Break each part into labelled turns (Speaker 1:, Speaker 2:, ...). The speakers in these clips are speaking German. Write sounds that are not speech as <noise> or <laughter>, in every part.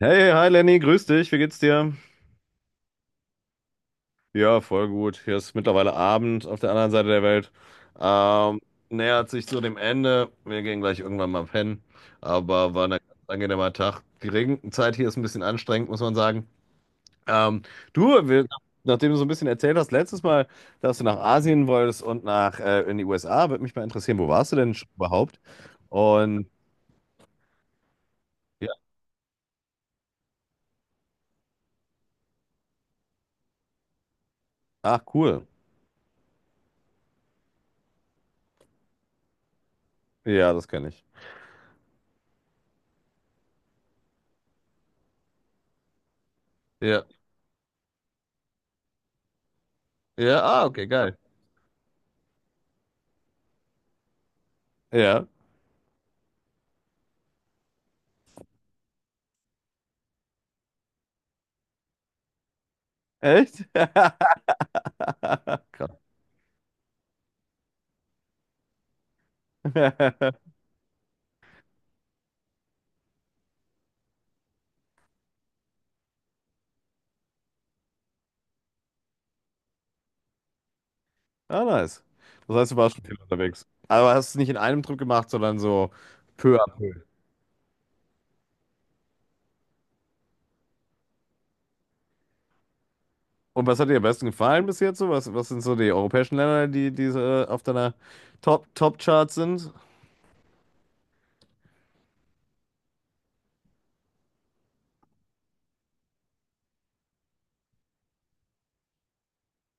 Speaker 1: Hey, hi Lenny, grüß dich, wie geht's dir? Ja, voll gut. Hier ist mittlerweile Abend auf der anderen Seite der Welt. Ähm, Nähert sich zu dem Ende. Wir gehen gleich irgendwann mal pennen. Aber war ein ganz angenehmer Tag. Die Regenzeit hier ist ein bisschen anstrengend, muss man sagen. Ähm, du, wir, nachdem du so ein bisschen erzählt hast, letztes Mal, dass du nach Asien wolltest und nach in die USA, würde mich mal interessieren, wo warst du denn schon überhaupt? Und ja, ach cool. Ja, das kenne ich. Ja, ja, ah, okay, geil. Ja, echt? <laughs> Krass. <laughs> Ah, nice. Das heißt, du warst schon viel unterwegs. Aber hast es nicht in einem Trip gemacht, sondern so peu à peu. Und was hat dir am besten gefallen bis jetzt so? Was sind so die europäischen Länder, die so, auf deiner Top-Chart sind?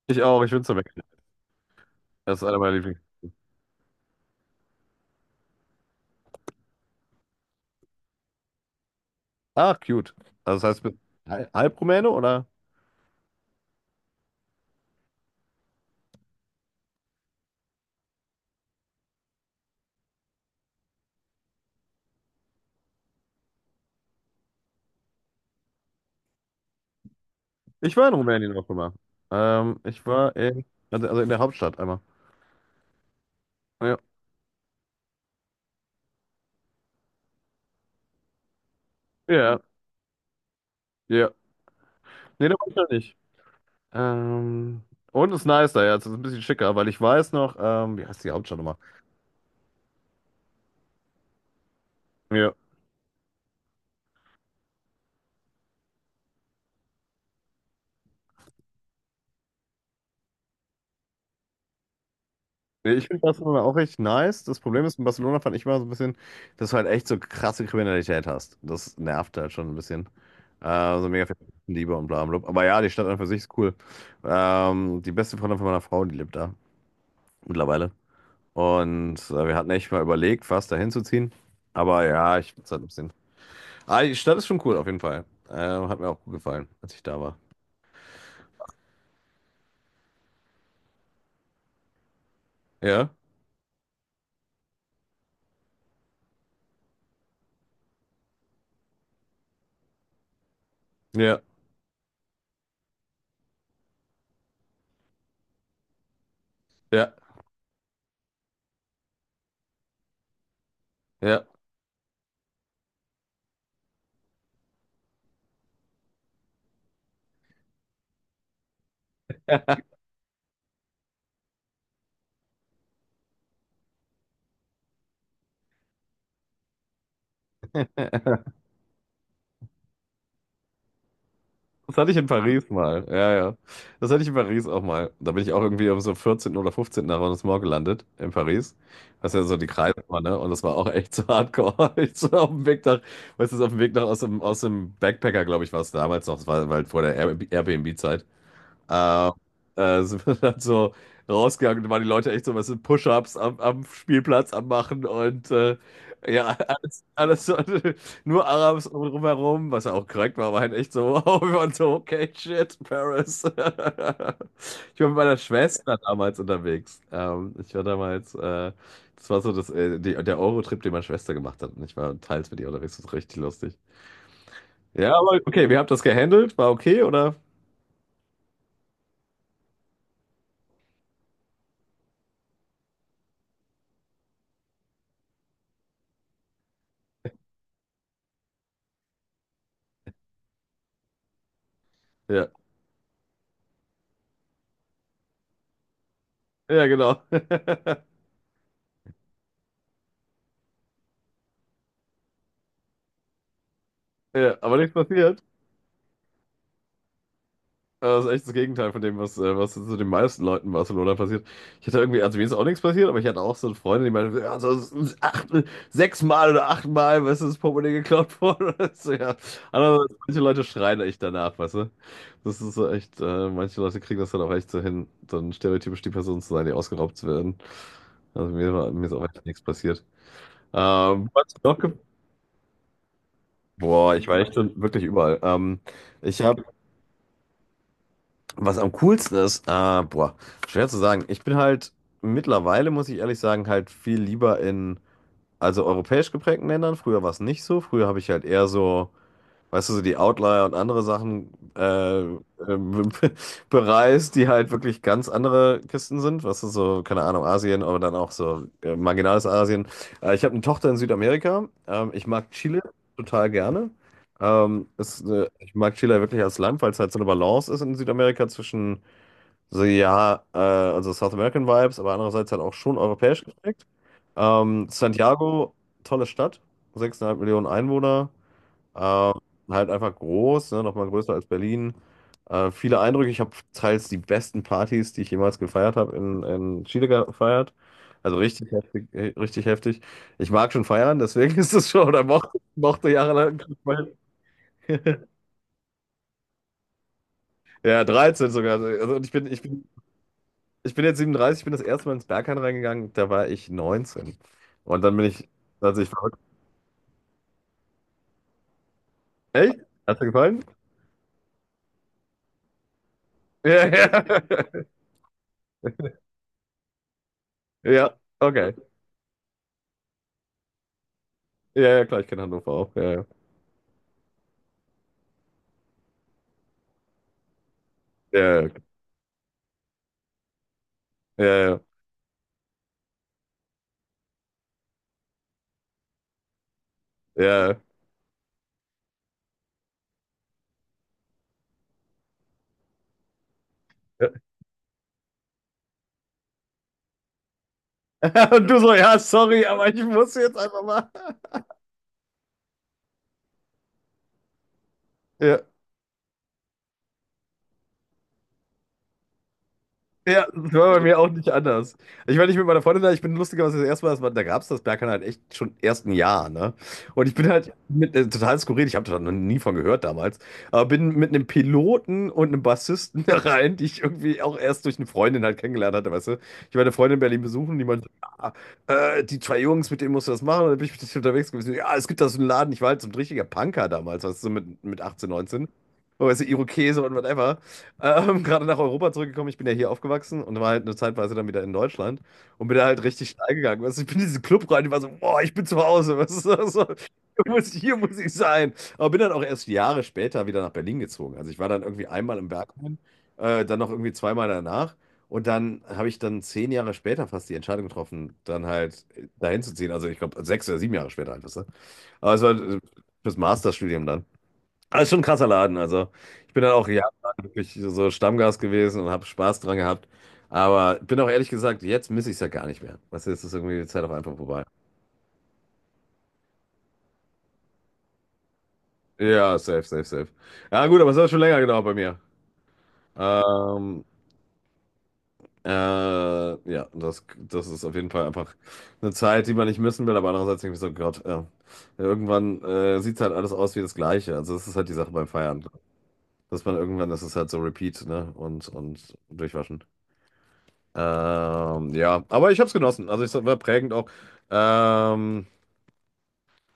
Speaker 1: Ich auch, ich bin weg. Das ist einer meiner Lieblinge. Ah, cute. Also das heißt, bist du halb Rumäne oder? Ich war in Rumänien auch immer. Ich war in, also in der Hauptstadt einmal. Ja. Ja, ja. Nee, da war ich noch nicht. Ähm, und ist nicer, ja, jetzt, ist ein bisschen schicker, weil ich weiß noch, wie heißt die Hauptstadt nochmal? Ja. Ich finde Barcelona auch echt nice. Das Problem ist, in Barcelona fand ich immer so ein bisschen, dass du halt echt so krasse Kriminalität hast. Das nervt halt schon ein bisschen. So mega viel Liebe und bla bla bla. Aber ja, die Stadt an für sich ist cool. Die beste Freundin von meiner Frau, die lebt da mittlerweile. Und wir hatten echt mal überlegt, fast dahin zu ziehen. Aber ja, ich find's halt ein bisschen. Ah, die Stadt ist schon cool, auf jeden Fall. Hat mir auch gut gefallen, als ich da war. Ja, ja. Ja, ja. <laughs> Das hatte ich in Paris mal. Ja, ja. Das hatte ich in Paris auch mal. Da bin ich auch irgendwie um so 14. oder 15. Arrondissement gelandet in Paris. Das ist ja so die Kreise war, ne? Und das war auch echt so hardcore. <laughs> Ich so auf dem Weg nach, weißt du, so auf dem Weg nach aus dem Backpacker, glaube ich, war es damals noch. Das war halt vor der Airbnb-Zeit. Äh, <laughs> Sind wir dann so rausgegangen und da waren die Leute echt so, was sind Push-ups am Spielplatz am Machen und ja, <laughs> alles, alles so, <laughs> nur Arabs drumherum, was ja auch korrekt war, aber halt echt so, <laughs> wow, wir waren so, okay, shit, Paris. <laughs> Ich war mit meiner Schwester damals unterwegs. Ich war damals, das war so das, der Eurotrip, den meine Schwester gemacht hat und ich war teils mit ihr unterwegs, das war richtig lustig. Ja, aber okay, wir haben das gehandelt, war okay, oder? Ja, ja, genau. <laughs> Ja, aber nichts passiert. Das ist echt das Gegenteil von dem, was zu den meisten Leuten in Barcelona passiert. Ich hatte irgendwie, also mir ist auch nichts passiert, aber ich hatte auch so eine Freundin, die meinte, ja, so acht, sechsmal oder achtmal, weißt du, das Portemonnaie geklaut worden. <laughs> Weißt ja. Andererseits, manche Leute schreien echt danach, weißt du. Das ist so echt, manche Leute kriegen das dann auch echt so hin, dann stereotypisch die Person zu sein, die ausgeraubt werden. Also mir ist auch echt nichts passiert. Was noch ge-. Boah, ich war echt schon wirklich überall. Ich habe. Was am coolsten ist, boah, schwer zu sagen. Ich bin halt mittlerweile, muss ich ehrlich sagen, halt viel lieber in, also europäisch geprägten Ländern. Früher war es nicht so. Früher habe ich halt eher so, weißt du, so die Outlier und andere Sachen äh, ähm, <laughs> bereist, die halt wirklich ganz andere Kisten sind. Was ist so, keine Ahnung, Asien, aber dann auch so marginales Asien. Ich habe eine Tochter in Südamerika. Ich mag Chile total gerne. Ich mag Chile wirklich als Land, weil es halt so eine Balance ist in Südamerika zwischen so, ja, also South American Vibes, aber andererseits halt auch schon europäisch geprägt. Santiago, tolle Stadt, 6,5 Millionen Einwohner, ähm, halt einfach groß, ne, nochmal größer als Berlin. Viele Eindrücke, ich habe teils die besten Partys, die ich jemals gefeiert habe, in Chile gefeiert. Also richtig heftig, richtig heftig. Ich mag schon feiern, deswegen <laughs> ist es schon, oder mochte jahrelang schon feiern. Ja, 13 sogar. Also und ich bin. Ich bin jetzt 37, ich bin das erste Mal ins Berghain reingegangen, da war ich 19. Und dann bin ich tatsächlich verrückt. Echt? Hat's dir gefallen? Ja, ja. <laughs> Ja, okay. Ja, ja, klar, ich kenne Hannover auch. Ja, ja, ja, ja, okay. Ja. Ja. <laughs> Und du so, ja, sorry, aber ich muss jetzt einfach mal. Ja. Ja, das war bei mir auch nicht anders. Ich war nicht mit meiner Freundin da, ich bin lustigerweise das erste Mal, das war, da gab es das Berghain halt echt schon erst ein Jahr, ne? Und ich bin halt mit, total skurril, ich habe da noch nie von gehört damals, aber bin mit einem Piloten und einem Bassisten <laughs> da rein, die ich irgendwie auch erst durch eine Freundin halt kennengelernt hatte, weißt du? Ich war eine Freundin in Berlin besuchen, die meinte, ja, die zwei Jungs, mit denen musst du das machen, und dann bin ich mit denen unterwegs gewesen, ja, es gibt da so einen Laden, ich war halt so ein richtiger Punker damals, weißt du, so mit 18, 19. Weißt du, Irokese und whatever. <laughs> Gerade nach Europa zurückgekommen. Ich bin ja hier aufgewachsen und war halt eine Zeitweise dann wieder in Deutschland und bin da halt richtig steil gegangen. Weißt du, ich bin in diesen Club rein, ich war so: „Boah, ich bin zu Hause." <laughs> Weißt du, so hier muss ich sein. Aber bin dann auch erst Jahre später wieder nach Berlin gezogen. Also, ich war dann irgendwie einmal im Berghain, dann noch irgendwie zweimal danach und dann habe ich dann 10 Jahre später fast die Entscheidung getroffen, dann halt dahin zu ziehen. Also, ich glaube 6 oder 7 Jahre später halt, weißt du? Aber es war, fürs Masterstudium dann. Aber ist schon ein krasser Laden. Also, ich bin dann auch jahrelang wirklich so Stammgast gewesen und habe Spaß dran gehabt. Aber bin auch ehrlich gesagt, jetzt miss ich es ja gar nicht mehr. Was jetzt ist irgendwie die Zeit auch einfach vorbei. Ja, safe, safe, safe. Ja, gut, aber es hat schon länger gedauert bei mir. Ähm, äh, ja, das ist auf jeden Fall einfach eine Zeit, die man nicht missen will, aber andererseits denke ich so, Gott, ja. Irgendwann sieht halt alles aus wie das Gleiche. Also, das ist halt die Sache beim Feiern. Dass man irgendwann, das ist halt so Repeat, ne? Und durchwaschen. Ja, aber ich habe es genossen. Also es war prägend auch. Ähm,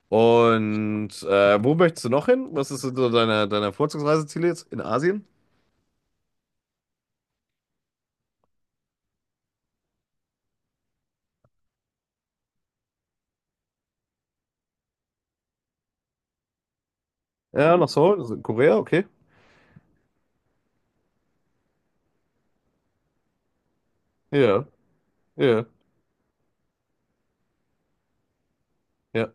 Speaker 1: und wo möchtest du noch hin? Was ist so deine Vorzugsreiseziele jetzt in Asien? Ja, nach Seoul, also in Korea, okay. Ja, ja, ja.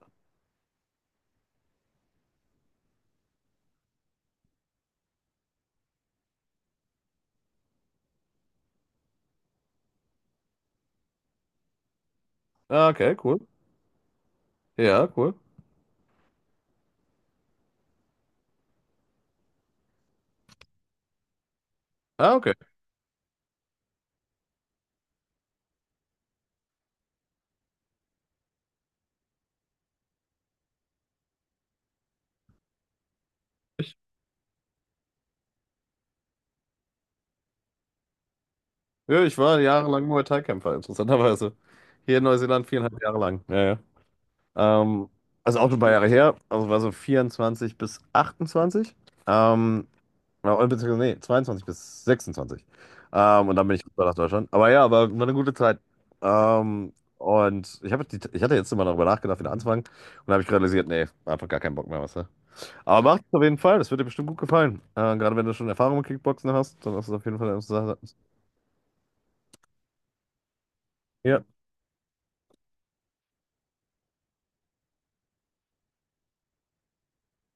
Speaker 1: Ah, okay, cool. Ja, cool. Ah, okay. Ich, ja, ich war jahrelang Muay Thai-Kämpfer, interessanterweise. Hier in Neuseeland 4,5 Jahre lang. Ja, ja. Ähm, also auch schon ein paar Jahre her. Also war so 24 bis 28. Ähm, Ja, oder beziehungsweise, nee, 22 bis 26. Und dann bin ich rüber nach Deutschland. Aber ja, war eine gute Zeit. Ähm, und ich hatte jetzt immer darüber nachgedacht, wieder anzufangen. Und da habe ich realisiert, nee, einfach gar keinen Bock mehr, weißt du. Aber macht es auf jeden Fall, das wird dir bestimmt gut gefallen. Gerade wenn du schon Erfahrung mit Kickboxen hast, dann ist es auf jeden Fall eine Sache. Ja,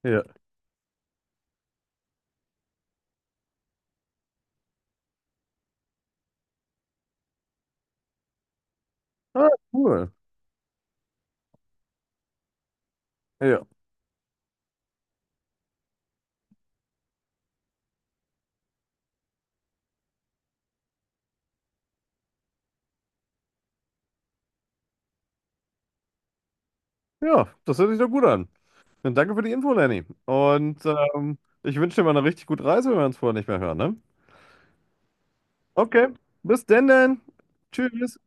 Speaker 1: ja. Ah, cool. Ja, ja, das hört sich doch gut an. Dann danke für die Info, Lenny. Und ich wünsche dir mal eine richtig gute Reise, wenn wir uns vorher nicht mehr hören, ne? Okay, bis denn dann. Tschüss.